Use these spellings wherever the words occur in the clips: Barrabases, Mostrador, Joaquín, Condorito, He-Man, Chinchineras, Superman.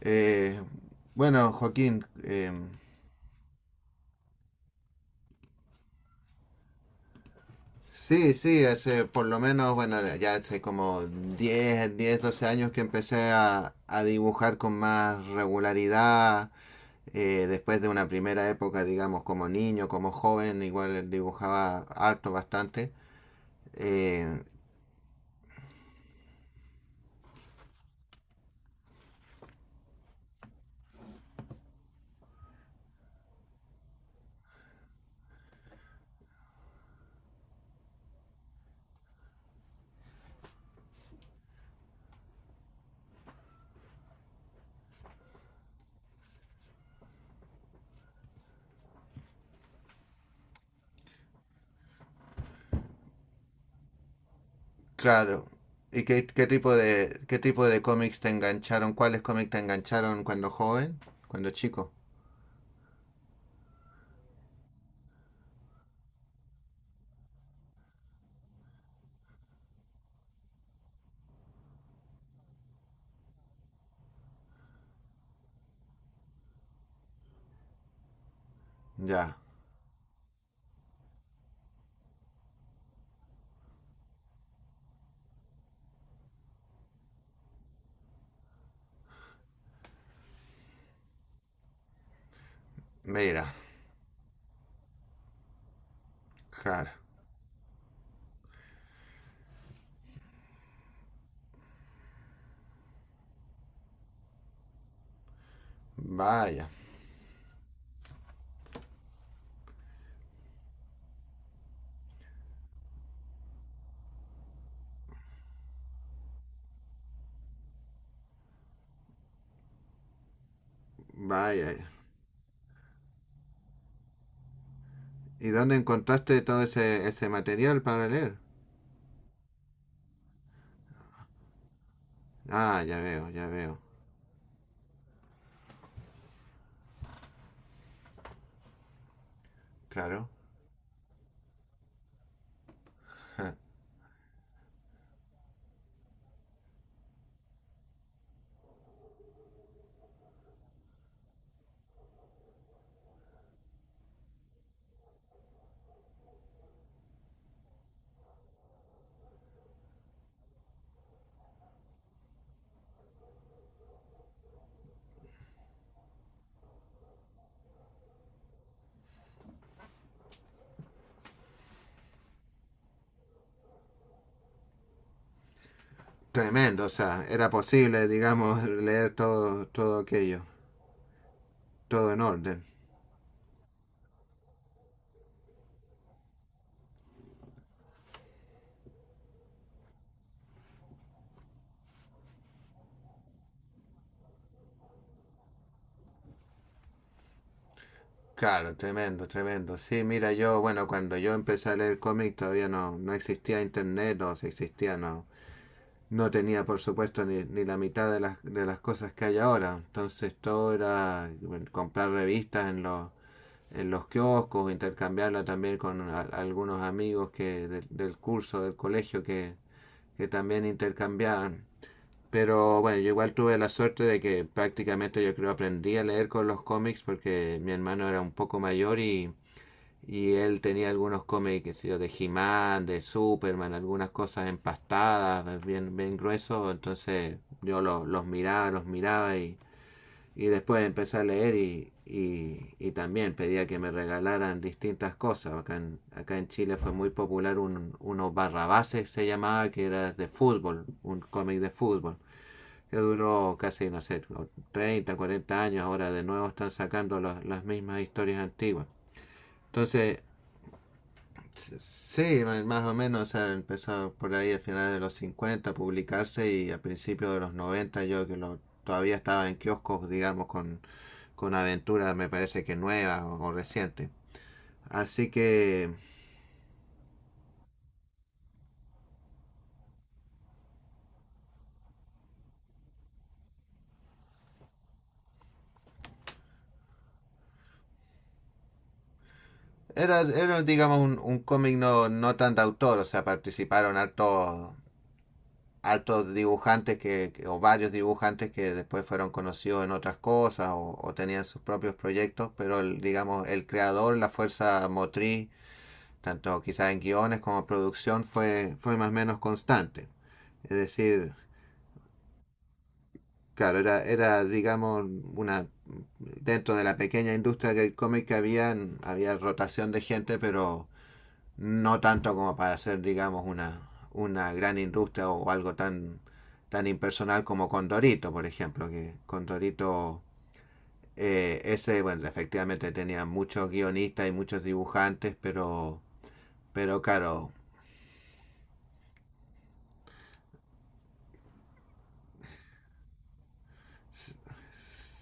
Eh, bueno, Joaquín, sí, sí, hace por lo menos, bueno, ya hace como 10, 12 años que empecé a dibujar con más regularidad. Después de una primera época, digamos, como niño, como joven, igual dibujaba harto, bastante. Eh, claro. ¿Y qué tipo de cómics te engancharon? ¿Cuáles cómics te engancharon cuando joven? Cuando chico. Ya. Mira. Claro. Vaya. Vaya. ¿Y dónde encontraste todo ese material para leer? Ah, ya veo, ya veo. Claro. Ja. Tremendo, o sea, era posible, digamos, leer todo, todo aquello, todo en orden. Claro, tremendo, tremendo. Sí, mira, yo, bueno, cuando yo empecé a leer cómics todavía no existía internet, o si existía, no tenía, por supuesto, ni la mitad de de las cosas que hay ahora. Entonces todo era bueno, comprar revistas en los kioscos, intercambiarla también con algunos amigos que del curso, del colegio, que también intercambiaban. Pero bueno, yo igual tuve la suerte de que prácticamente yo creo aprendí a leer con los cómics porque mi hermano era un poco mayor y él tenía algunos cómics, qué sé yo, de He-Man, de Superman, algunas cosas empastadas, bien, bien gruesos. Entonces yo los miraba y después empecé a leer y también pedía que me regalaran distintas cosas. Acá en Chile fue muy popular un, uno Barrabases se llamaba, que era de fútbol, un cómic de fútbol, que duró casi, no sé, 30, 40 años. Ahora de nuevo están sacando los, las mismas historias antiguas. Entonces, sí, más o menos, o sea, empezó por ahí a finales de los 50 a publicarse y a principios de los 90 yo que lo, todavía estaba en kioscos, digamos, con aventuras, me parece que nuevas o recientes. Así que era digamos, un cómic no tan de autor, o sea, participaron hartos, hartos dibujantes o varios dibujantes que después fueron conocidos en otras cosas o tenían sus propios proyectos, pero el, digamos, el creador, la fuerza motriz tanto quizás en guiones como producción, fue más o menos constante. Es decir, claro, era digamos, una dentro de la pequeña industria del cómic había rotación de gente, pero no tanto como para ser, digamos, una gran industria o algo tan, tan impersonal como Condorito, por ejemplo, que Condorito... Ese, bueno, efectivamente tenía muchos guionistas y muchos dibujantes, pero claro,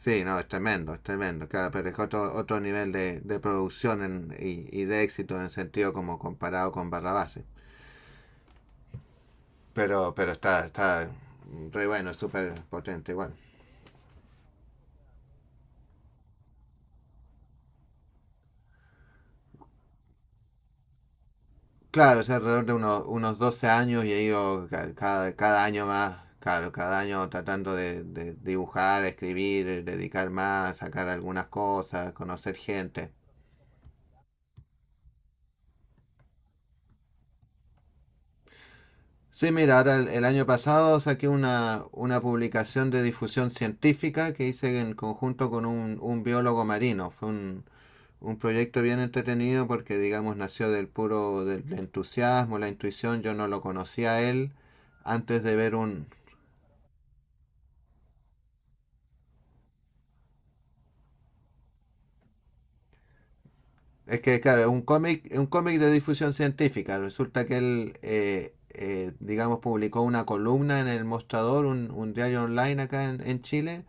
sí, no, es tremendo, es tremendo. Claro, pero es otro nivel de producción y de éxito en el sentido como comparado con Barrabás, ¿eh? Pero está re bueno, es súper potente igual. Claro, es alrededor de unos 12 años y he ido cada año más, claro, cada año tratando de dibujar, escribir, dedicar más, sacar algunas cosas, conocer gente. Sí, mira, ahora el año pasado saqué una publicación de difusión científica que hice en conjunto con un biólogo marino. Fue un proyecto bien entretenido porque, digamos, nació del puro del entusiasmo, la intuición. Yo no lo conocía a él antes de ver un... Es que, claro, es un cómic de difusión científica. Resulta que él, digamos, publicó una columna en El Mostrador, un diario online acá en Chile,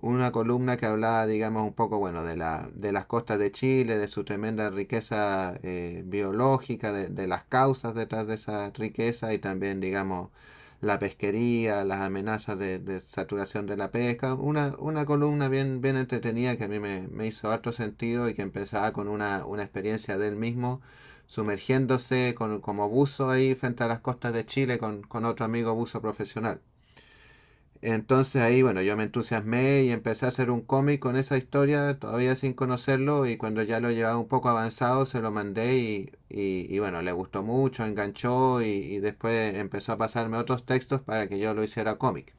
una columna que hablaba, digamos, un poco, bueno, de las costas de Chile, de su tremenda riqueza biológica, las causas detrás de esa riqueza y también, digamos, la pesquería, las amenazas de saturación de la pesca. Una columna bien, bien entretenida que a mí me hizo harto sentido y que empezaba con una experiencia del mismo sumergiéndose como buzo ahí frente a las costas de Chile con otro amigo buzo profesional. Entonces ahí, bueno, yo me entusiasmé y empecé a hacer un cómic con esa historia, todavía sin conocerlo, y cuando ya lo llevaba un poco avanzado se lo mandé y bueno, le gustó mucho, enganchó y después empezó a pasarme otros textos para que yo lo hiciera cómic.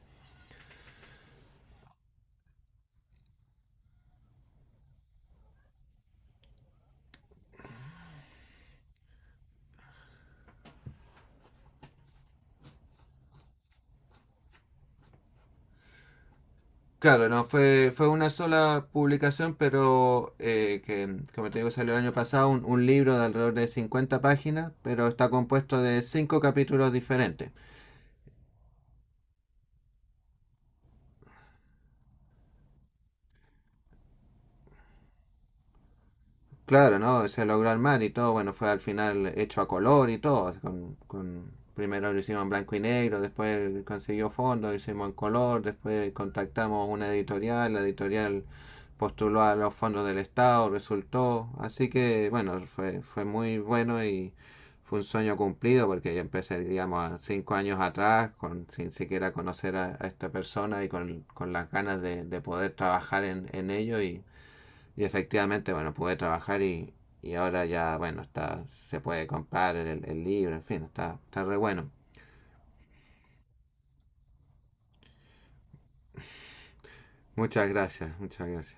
Claro, no fue, fue una sola publicación, pero que, como te digo, salió el año pasado un libro de alrededor de 50 páginas, pero está compuesto de cinco capítulos diferentes. Claro, ¿no? Se logró armar y todo, bueno, fue al final hecho a color y todo. Primero lo hicimos en blanco y negro, después consiguió fondos, lo hicimos en color, después contactamos una editorial, la editorial postuló a los fondos del Estado, resultó. Así que, bueno, fue muy bueno y fue un sueño cumplido porque yo empecé, digamos, a 5 años atrás, sin siquiera conocer a esta persona y con las ganas de poder trabajar en ello y efectivamente, bueno, pude trabajar y ahora ya, bueno, está se puede comprar el libro, en fin, está re bueno. Muchas gracias, muchas gracias.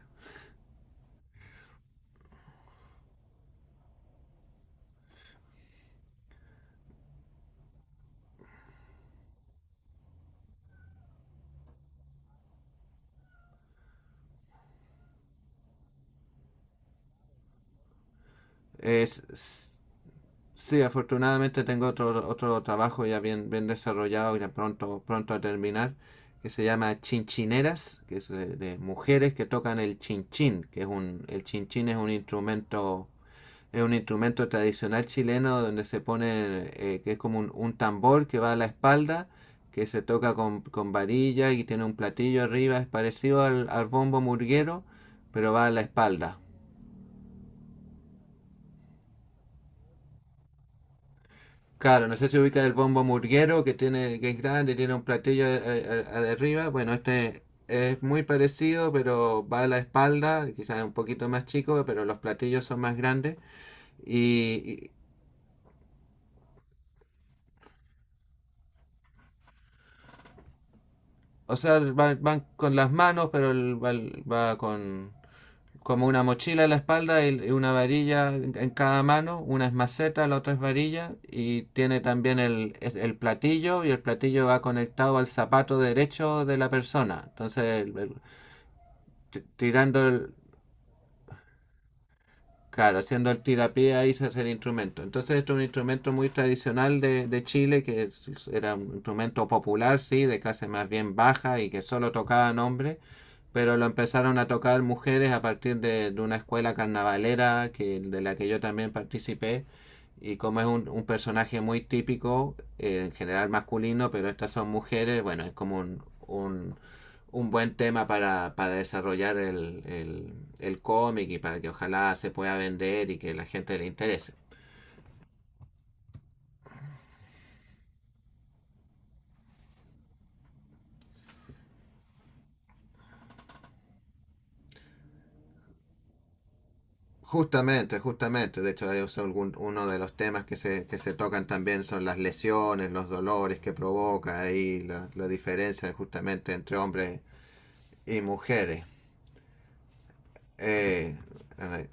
Es, s- sí, afortunadamente tengo otro trabajo ya bien, bien desarrollado, ya pronto, pronto a terminar, que se llama Chinchineras, que es de mujeres que tocan el chinchín, que es el chinchín es un instrumento. Es un instrumento tradicional chileno donde se pone, que es como un tambor que va a la espalda, que se toca con varilla y tiene un platillo arriba, es parecido al bombo murguero, pero va a la espalda. Claro, no sé si ubica el bombo murguero que tiene, que es grande, tiene un platillo a de arriba. Bueno, este es muy parecido, pero va a la espalda, quizás un poquito más chico, pero los platillos son más grandes. Y, y- o sea, van, con las manos, pero va, va como una mochila en la espalda y una varilla en cada mano, una es maceta, la otra es varilla, y tiene también el platillo, y el platillo va conectado al zapato derecho de la persona. Entonces, tirando el- Claro, haciendo el tirapié ahí se hace el instrumento. Entonces, esto es un instrumento muy tradicional de Chile, que era un instrumento popular, sí, de clase más bien baja y que solo tocaban hombres, pero lo empezaron a tocar mujeres a partir de una escuela carnavalera de la que yo también participé. Y como es un personaje muy típico, en general masculino, pero estas son mujeres, bueno, es como un buen tema para desarrollar el cómic y para que ojalá se pueda vender y que la gente le interese. Justamente, justamente. De hecho, es uno de los temas que se tocan también son las lesiones, los dolores que provoca ahí, la diferencia justamente entre hombres y mujeres. Eh, eh,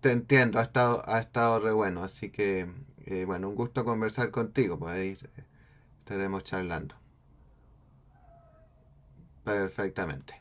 te entiendo, ha estado re bueno. Así que, bueno, un gusto conversar contigo. Pues ahí estaremos charlando. Perfectamente.